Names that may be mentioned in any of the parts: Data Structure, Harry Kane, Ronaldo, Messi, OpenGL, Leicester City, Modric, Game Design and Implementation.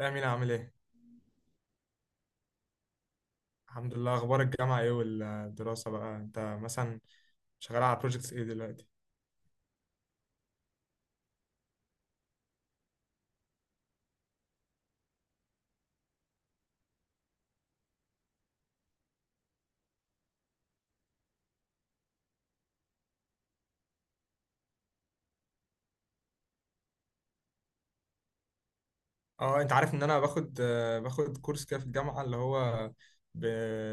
يا أمين عامل إيه؟ الحمد لله، أخبار الجامعة إيه والدراسة بقى؟ أنت مثلا شغال على بروجيكتس إيه دلوقتي؟ أه أنت عارف إن أنا باخد باخد كورس كده في الجامعة اللي هو ب...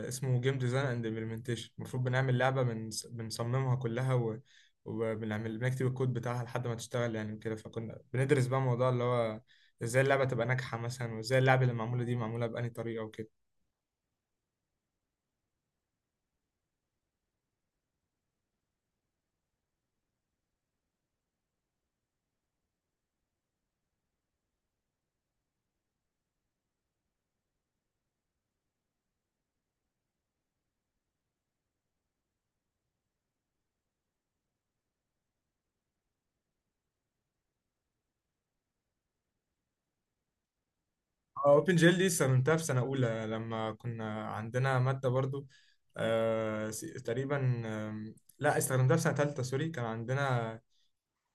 اسمه جيم ديزاين أند إمبلمنتيشن. المفروض بنعمل لعبة بنصممها كلها وبنعمل، بنكتب الكود بتاعها لحد ما تشتغل يعني وكده. فكنا بندرس بقى موضوع اللي هو إزاي اللعبة تبقى ناجحة مثلا، وإزاي اللعبة اللي معمولة دي معمولة بأنهي طريقة وكده. اوبن جيل دي استخدمتها في سنة أولى لما كنا عندنا مادة برضو، تقريبا. لا، استخدمتها في سنة تالتة، سوري. كان عندنا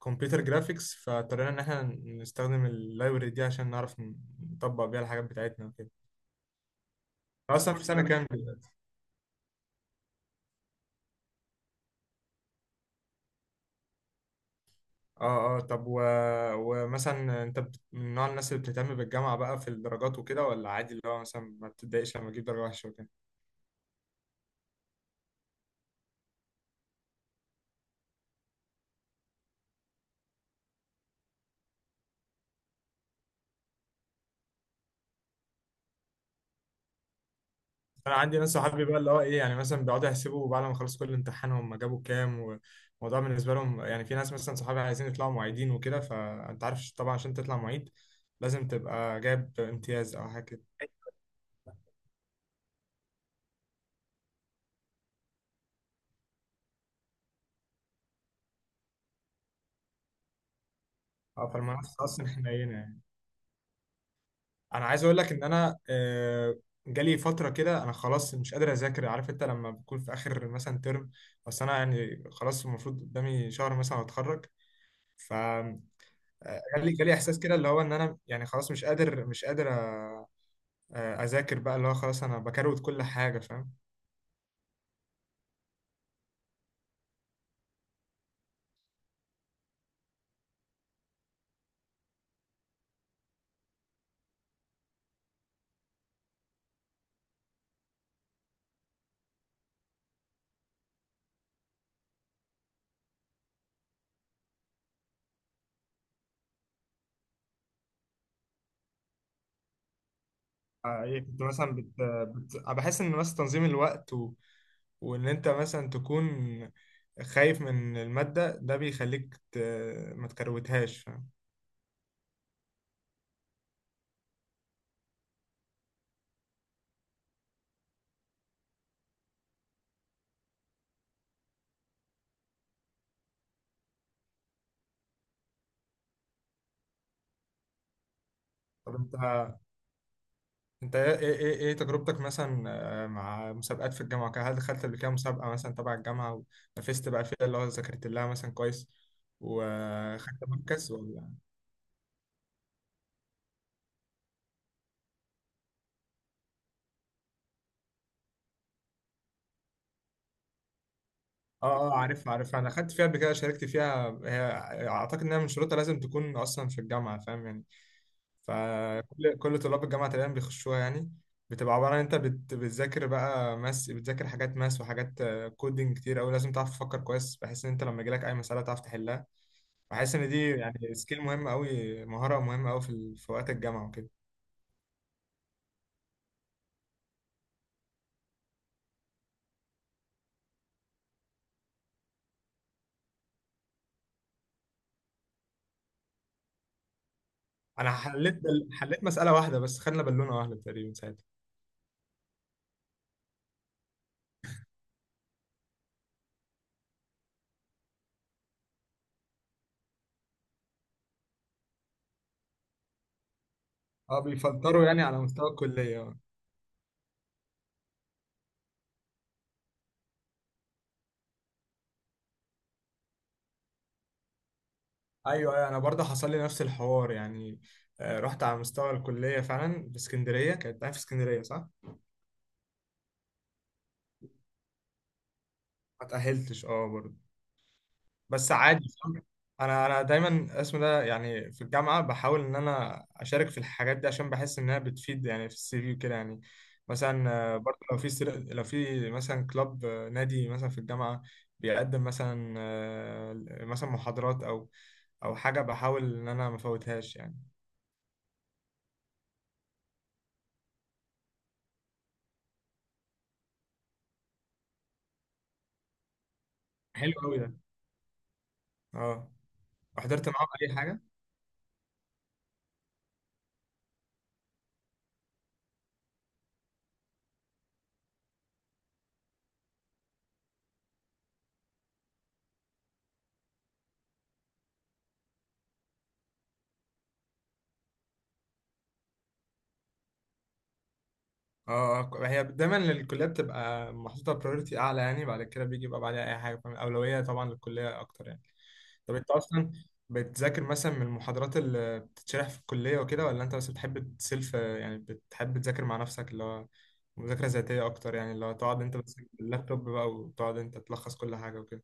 كمبيوتر جرافيكس فاضطرينا إن احنا نستخدم اللايبرري دي عشان نعرف نطبق بيها الحاجات بتاعتنا وكده. أنت أصلا في سنة كام دلوقتي؟ اه اه، طب ومثلا أنت من نوع الناس اللي بتهتم بالجامعة بقى في الدرجات وكده، ولا عادي اللي هو مثلا ما بتتضايقش لما تجيب درجة وحشة وكده؟ انا عندي ناس صحابي بقى اللي هو ايه، يعني مثلا بيقعدوا يحسبوا بعد ما خلصوا كل امتحان هم جابوا كام. والموضوع بالنسبه لهم يعني، في ناس مثلا صحابي عايزين يطلعوا معيدين وكده، فانت عارف طبعا عشان تطلع معيد لازم تبقى جايب امتياز او حاجه كده. اه، فالمنافسه اصلا حنينه يعني. انا عايز اقول لك ان انا جالي فتره كده انا خلاص مش قادر اذاكر، عارف انت لما بكون في اخر مثلا ترم، بس انا يعني خلاص المفروض قدامي شهر مثلا اتخرج. ف آه، جالي احساس كده اللي هو ان انا يعني خلاص مش قادر اذاكر بقى، اللي هو خلاص انا بكروت كل حاجه، فاهم. ايه، كنت مثلا بحس ان مثلا تنظيم الوقت وان انت مثلا تكون خايف من الماده ده بيخليك ما تكروتهاش، فاهم. طب انت ايه إيه إيه تجربتك مثلا مع مسابقات في الجامعه وكده؟ هل دخلت قبل كده مسابقه مثلا تبع الجامعه ونافست بقى فيها اللي هو ذاكرت لها مثلا كويس وخدت مركز ولا؟ اه اه، عارف انا خدت فيها قبل كده، شاركت فيها هي. اعتقد انها من شروطها لازم تكون اصلا في الجامعه، فاهم يعني. فكل طلاب الجامعه تقريبا بيخشوها يعني. بتبقى عباره عن انت بتذاكر بقى ماس، بتذاكر حاجات ماس وحاجات كودينج كتير قوي. لازم تعرف تفكر كويس بحيث ان انت لما يجيلك اي مساله تعرف تحلها. بحس ان دي يعني سكيل مهمه قوي، مهاره مهمه قوي في في وقت الجامعه وكده. انا حليت مساله واحده بس، خدنا بالونه واحده تقريبا ساعتها. اه، بيفلتروا يعني على مستوى الكليه. ايوه ايوه، انا برضه حصل لي نفس الحوار يعني. رحت على مستوى الكليه فعلا في اسكندريه، كانت أنا في اسكندريه، صح. ما تاهلتش، اه برضه، بس عادي، فاهم؟ انا دايما اسمه ده يعني في الجامعه بحاول ان انا اشارك في الحاجات دي، عشان بحس انها بتفيد يعني في السي في وكده يعني. مثلا برضه لو في لو في مثلا كلاب، نادي مثلا في الجامعه بيقدم مثلا مثلا محاضرات او او حاجه، بحاول ان انا ما افوتهاش يعني. حلو قوي ده. اه، وحضرت معاهم اي حاجه. اه، هي دايما للكليات بتبقى محطوطة برايورتي أعلى يعني، بعد كده بيجي يبقى بعدها أي حاجة، فاهم؟ أولوية طبعا للكلية أكتر يعني. طب أنت أصلا بتذاكر مثلا من المحاضرات اللي بتتشرح في الكلية وكده، ولا أنت بس بتحب تسلف؟ يعني بتحب تذاكر مع نفسك، اللي هو مذاكرة ذاتية أكتر يعني، اللي هو تقعد أنت بس باللابتوب بقى وتقعد أنت تلخص كل حاجة وكده.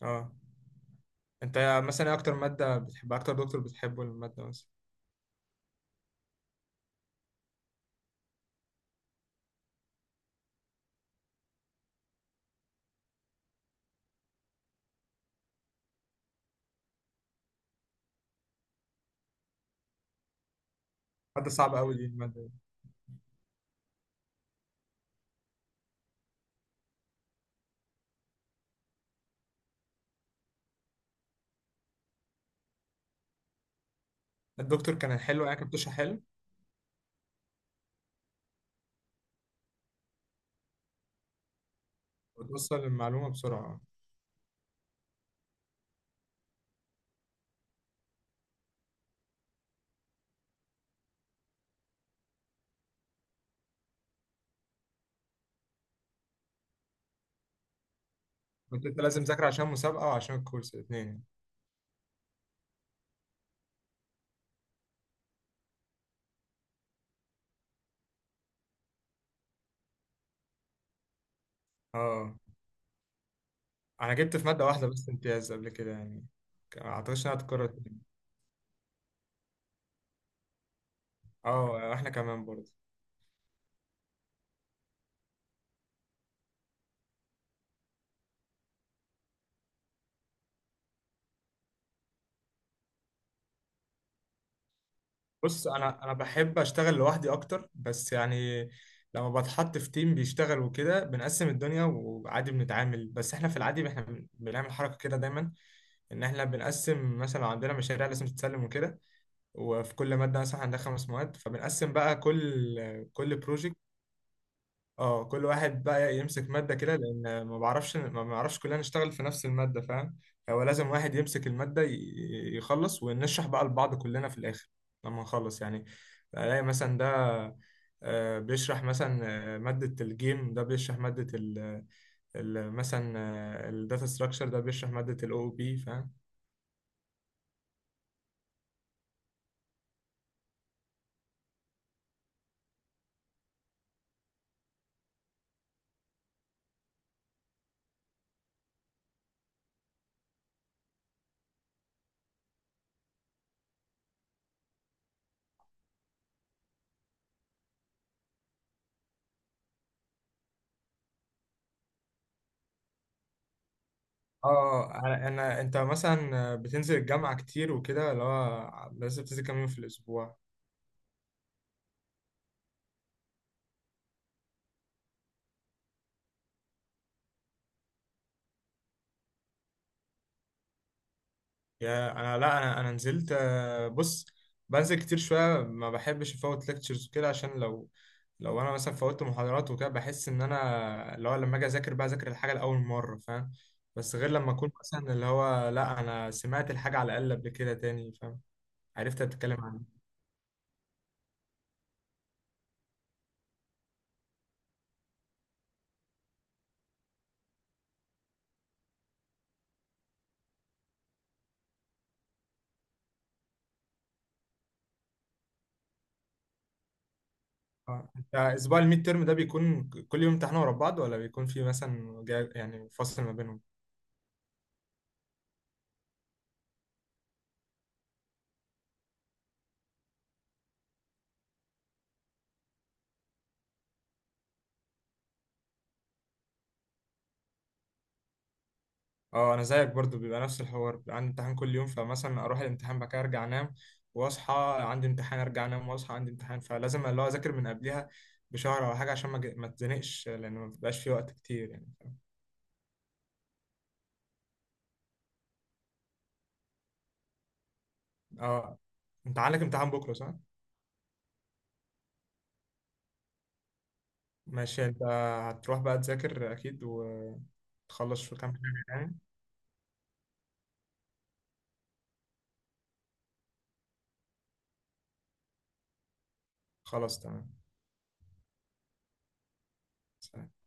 اه، أنت مثلا إيه أكتر مادة بتحبها، أكتر دكتور بتحبه، المادة مثلا؟ مادة صعبة أوي دي، المادة دي. الدكتور كان حلو يعني، كان بتشرح حلو وتوصل المعلومة بسرعة. كنت انت لازم تذاكر عشان مسابقة وعشان الكورس، الاثنين يعني. اه انا جبت في مادة واحدة بس امتياز قبل كده يعني. ما اعتقدش انها هتتكرر تاني. اه احنا كمان برضه. بص، انا بحب اشتغل لوحدي اكتر بس يعني. لما بتحط في تيم بيشتغل وكده بنقسم الدنيا وعادي بنتعامل، بس احنا في العادي احنا بنعمل حركة كده دايما، ان احنا بنقسم مثلا لو عندنا مشاريع لازم تتسلم وكده. وفي كل مادة مثلا عندها خمس مواد، فبنقسم بقى كل بروجكت. اه، كل واحد بقى يمسك مادة كده، لأن ما بعرفش، ما بعرفش كلنا نشتغل في نفس المادة، فاهم. هو لازم واحد يمسك المادة يخلص ونشرح بقى لبعض كلنا في الآخر لما نخلص يعني. ألاقي مثلا ده بيشرح مثلا مادة الجيم، ده بيشرح مادة ال مثلا الداتا ستراكشر، ده بيشرح مادة ال او بي، فاهم. اه، انا انت مثلا بتنزل الجامعة كتير وكده؟ اللي هو لازم تنزل كام يوم في الأسبوع؟ يا انا لا، انا نزلت، بص بنزل كتير شويه، ما بحبش افوت ليكتشرز وكده، عشان لو لو انا مثلا فوتت محاضرات وكده بحس ان انا اللي هو لما اجي اذاكر بقى اذاكر الحاجه لاول مره، فاهم. بس غير لما اكون مثلا اللي هو لا انا سمعت الحاجه على الاقل قبل كده تاني، فاهم، عرفت بتتكلم عنها. انت اسبوع الميد تيرم ده بيكون كل يوم امتحان ورا بعض، ولا بيكون في مثلا يعني فصل ما بينهم؟ اه انا زيك برضو، بيبقى نفس الحوار. بيبقى عندي امتحان كل يوم، فمثلا اروح الامتحان بعد كده ارجع انام واصحى عندي امتحان، ارجع انام واصحى عندي امتحان، فلازم اللي هو اذاكر من قبلها بشهر او حاجه، عشان ما اتزنقش، لان ما بيبقاش في وقت كتير يعني. اه. انت عندك امتحان بكره، صح؟ ماشي، انت هتروح بقى تذاكر اكيد وتخلص في كام حاجه يعني. خلاص، تمام. سلام.